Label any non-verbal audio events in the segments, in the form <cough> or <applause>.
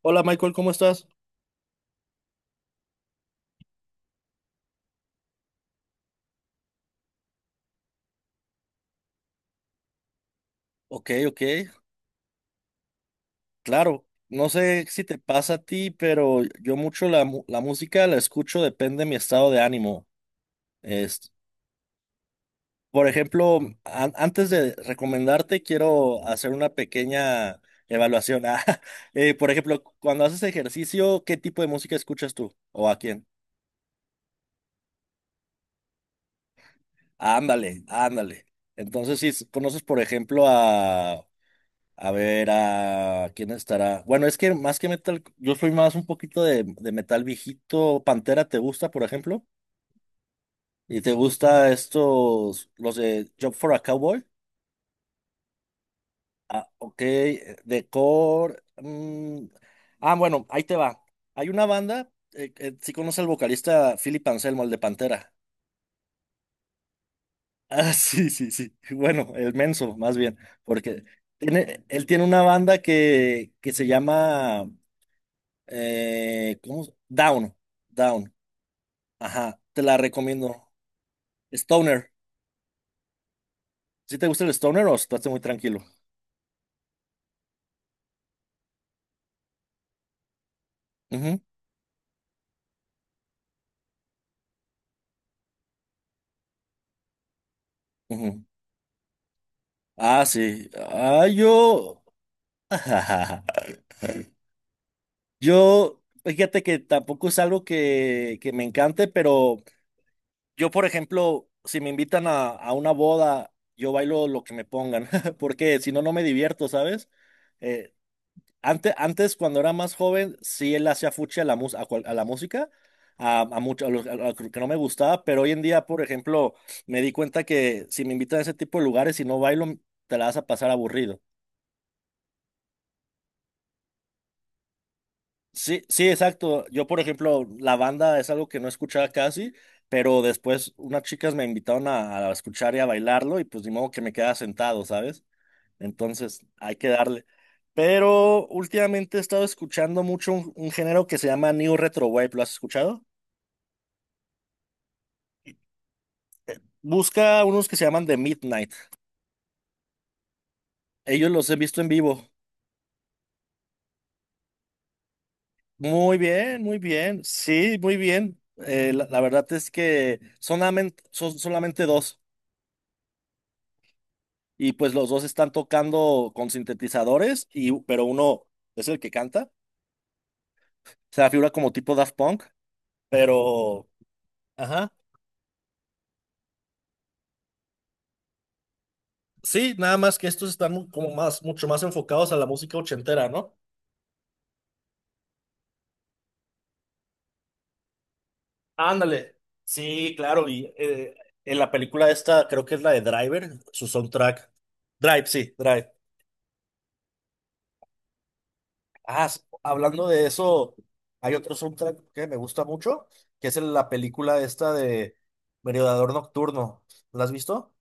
Hola Michael, ¿cómo estás? Ok, ok, claro. No sé si te pasa a ti, pero yo mucho la música la escucho, depende de mi estado de ánimo. Es, por ejemplo, antes de recomendarte, quiero hacer una pequeña evaluación. <laughs> Ah, por ejemplo, cuando haces ejercicio, ¿qué tipo de música escuchas tú? ¿O a quién? Ándale, ándale. Entonces, si conoces, por ejemplo, a ver, ¿a quién estará? Bueno, es que más que metal, yo soy más un poquito de metal viejito. Pantera, ¿te gusta, por ejemplo? ¿Y te gusta estos, los de Job for a Cowboy? Ah, ok, de Core. Ah, bueno, ahí te va. Hay una banda, sí conoce al vocalista Philip Anselmo, el de Pantera. <laughs> Ah, sí, sí, sí. Bueno, el Menso, más bien, porque él tiene una banda que se llama... ¿cómo? Down, Down. Ajá, te la recomiendo. Stoner. ¿Sí te gusta el Stoner o estás muy tranquilo? Ujú, ujú. Ah, sí. Ah, yo. <laughs> Yo, fíjate que tampoco es algo que me encante, pero yo, por ejemplo, si me invitan a, una boda, yo bailo lo que me pongan, <laughs> porque si no, no me divierto, ¿sabes? Eh, antes, cuando era más joven, sí él hacía fuchi a la música, a, mucho- a los- a lo que no me gustaba, pero hoy en día, por ejemplo, me di cuenta que si me invitan a ese tipo de lugares y no bailo, te la vas a pasar aburrido. Sí, sí, exacto. Yo, por ejemplo, la banda es algo que no escuchaba casi, pero después unas chicas me invitaron a escuchar y a bailarlo y pues ni modo que me quedaba sentado, ¿sabes? Entonces, hay que darle. Pero últimamente he estado escuchando mucho un género que se llama New Retro Wave. ¿Lo has escuchado? Busca unos que se llaman The Midnight. Ellos los he visto en vivo. Muy bien, muy bien. Sí, muy bien. La verdad es que son solamente dos. Y pues los dos están tocando con sintetizadores, pero uno es el que canta. Se la figura como tipo Daft Punk, pero... Ajá. Sí, nada más que estos están como más, mucho más enfocados a la música ochentera, ¿no? Ándale. Sí, claro, y en la película esta creo que es la de Driver, su soundtrack. Drive, sí, Drive. Ah, hablando de eso, hay otro soundtrack que me gusta mucho, que es en la película esta de Merodeador Nocturno. ¿La has visto?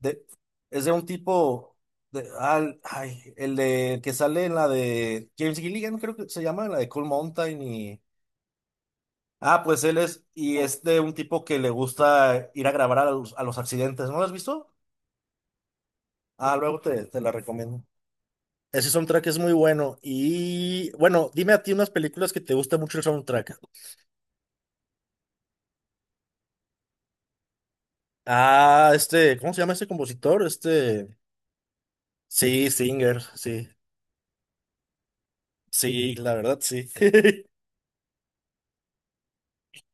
De, es de un tipo, ay, el de que sale en la de James Gilligan, creo que se llama, la de Cool Mountain y... Ah, pues él es, y es de un tipo que le gusta ir a grabar a los accidentes, ¿no lo has visto? Ah, luego te la recomiendo. Ese soundtrack es muy bueno. Y bueno, dime a ti unas películas que te gusta mucho el soundtrack. Ah, este, ¿cómo se llama este compositor? Este, sí, Singer, sí. Sí, la verdad, sí. <laughs>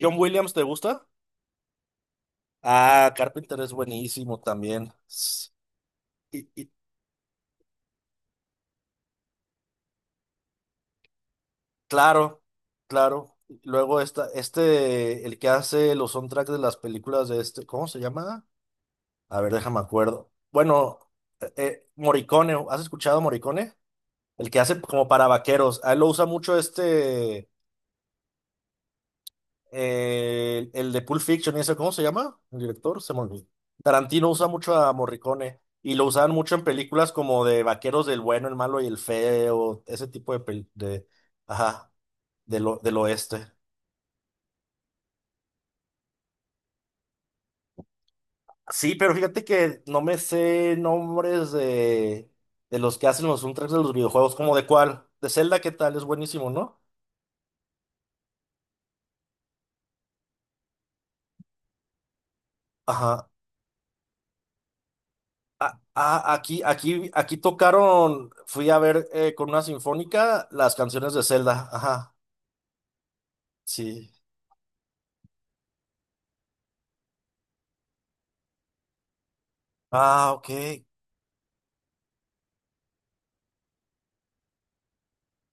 John Williams, ¿te gusta? Ah, Carpenter es buenísimo también. Y, Claro, claro. Luego esta, este, el que hace los soundtracks de las películas de este, ¿cómo se llama? A ver, déjame acuerdo. Bueno, Morricone, ¿has escuchado Morricone? El que hace como para vaqueros. A él lo usa mucho este, el de Pulp Fiction y eso, ¿cómo se llama? El director, se me olvidó. Tarantino usa mucho a Morricone y lo usaban mucho en películas como de vaqueros, del bueno, el malo y el feo, ese tipo de, de, ajá, del del oeste. Sí, pero fíjate que no me sé nombres de los que hacen los soundtracks de los videojuegos, como de cuál, de Zelda, ¿qué tal? Es buenísimo, ¿no? Ajá. Ah, ah, aquí tocaron, fui a ver con una sinfónica las canciones de Zelda, ajá, sí. Ah, ok.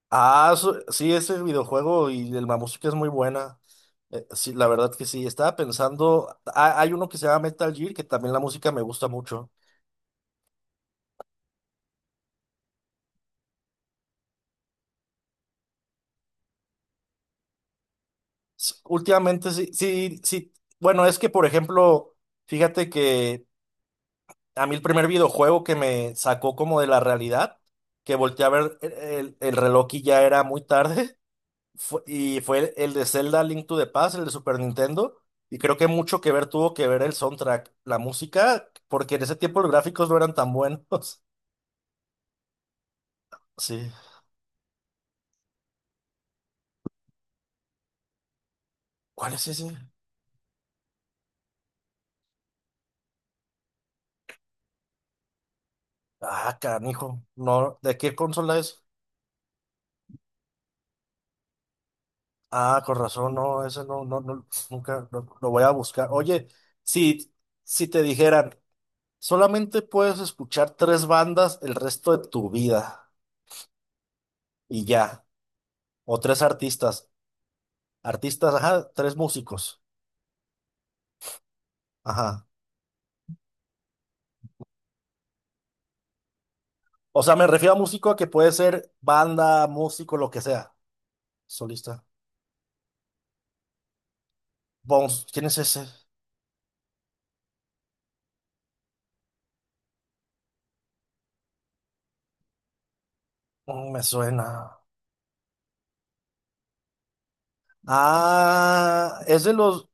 Ah, sí, ese videojuego y la música es muy buena. Sí, la verdad que sí. Estaba pensando, ah, hay uno que se llama Metal Gear, que también la música me gusta mucho. Últimamente sí, sí, sí. Bueno, es que, por ejemplo, fíjate que a mí el primer videojuego que me sacó como de la realidad, que volteé a ver el reloj y ya era muy tarde, <laughs> y fue el de Zelda Link to the Past, el de Super Nintendo, y creo que mucho que ver tuvo que ver el soundtrack, la música, porque en ese tiempo los gráficos no eran tan buenos. <laughs> Sí. ¿Cuál es ese? Ah, canijo. No, ¿de qué consola es? Ah, con razón, no, eso no, no, no, nunca lo voy a buscar. Oye, si, si te dijeran, solamente puedes escuchar tres bandas el resto de tu vida y ya, o tres artistas, artistas, ajá, tres músicos, ajá. O sea, me refiero a músico a que puede ser banda, músico, lo que sea, solista. Bones, ¿quién es ese? Mm, me suena. Ah, es de los,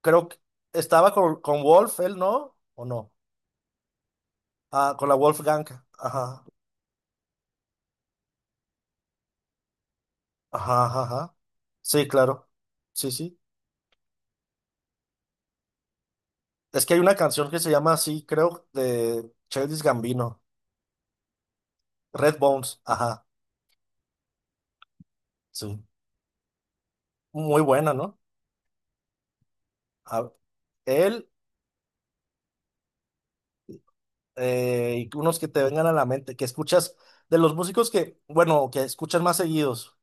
creo que estaba con Wolf, él, ¿no? ¿O no? Ah, con la Wolfgang. Ajá, ajá, ajá, ajá. Sí, claro. Sí, sí. Es que hay una canción que se llama así, creo, de Childish Gambino. Red Bones. Ajá, sí. Muy buena, ¿no? A- él y unos que te vengan a la mente, que escuchas de los músicos que, bueno, que escuchas más seguidos.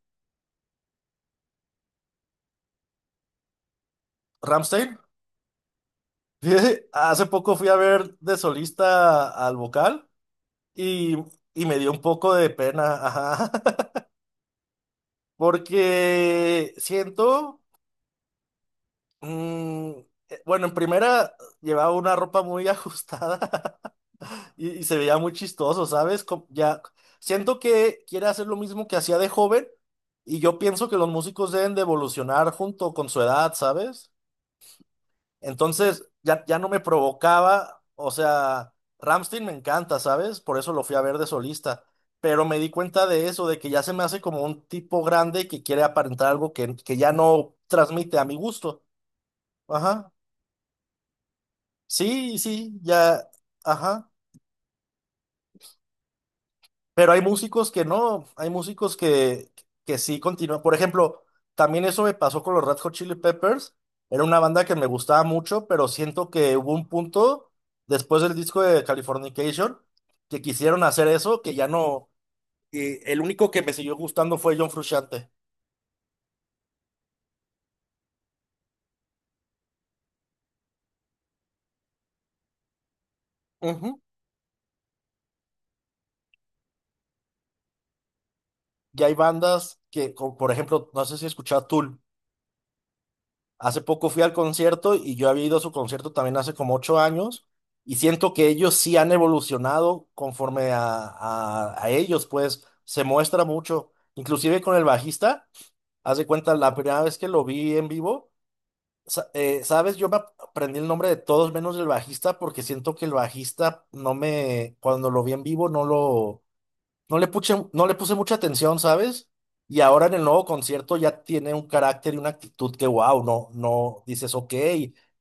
Ramstein. Fíjate, <laughs> hace poco fui a ver de solista al vocal y, y me dio un poco de pena, ajá, <laughs> porque siento... Mm, bueno, en primera llevaba una ropa muy <laughs> ajustada y se veía muy chistoso, ¿sabes? Ya siento que quiere hacer lo mismo que hacía de joven y yo pienso que los músicos deben de evolucionar junto con su edad, ¿sabes? Entonces ya no me provocaba, o sea, Rammstein me encanta, ¿sabes? Por eso lo fui a ver de solista, pero me di cuenta de eso, de que ya se me hace como un tipo grande que quiere aparentar algo que ya no transmite a mi gusto. Ajá. Sí, sí, ya, ajá. Pero hay músicos que no, hay músicos que sí continúan. Por ejemplo, también eso me pasó con los Red Hot Chili Peppers. Era una banda que me gustaba mucho, pero siento que hubo un punto después del disco de Californication que quisieron hacer eso, que ya no. El único que me siguió gustando fue John Frusciante. Ujú. Ya hay bandas que, como por ejemplo, no sé si escuchaba Tool. Hace poco fui al concierto y yo había ido a su concierto también hace como 8 años y siento que ellos sí han evolucionado conforme a, a ellos, pues se muestra mucho, inclusive con el bajista, haz de cuenta la primera vez que lo vi en vivo, sabes, yo me aprendí el nombre de todos menos del bajista, porque siento que el bajista no me, cuando lo vi en vivo no lo, no le puse mucha atención, ¿sabes? Y ahora en el nuevo concierto ya tiene un carácter y una actitud que, wow, no, no, dices, ok,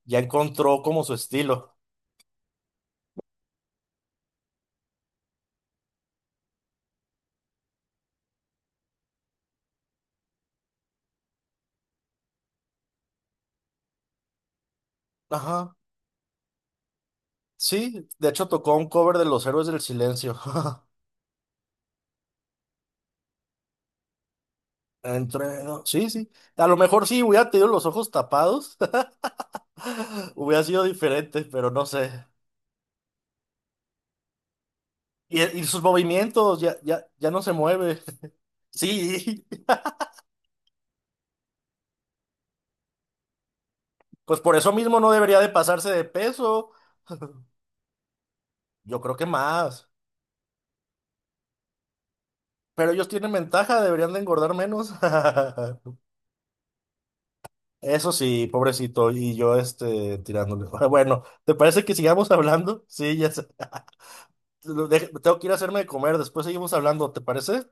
ya encontró como su estilo. Ajá, sí, de hecho tocó un cover de Los Héroes del Silencio. <laughs> Entre, no, sí, sí. A lo mejor sí hubiera tenido los ojos tapados, <laughs> hubiera sido diferente, pero no sé. Y sus movimientos, ya no se mueve. <laughs> Sí, pues por eso mismo no debería de pasarse de peso. Yo creo que más. Pero ellos tienen ventaja, deberían de engordar menos. <laughs> Eso sí, pobrecito, y yo este tirándole. <laughs> Bueno, ¿te parece que sigamos hablando? Sí, ya sé. <laughs> Tengo que ir a hacerme de comer, después seguimos hablando, ¿te parece?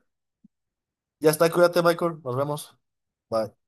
Ya está, cuídate, Michael, nos vemos. Bye.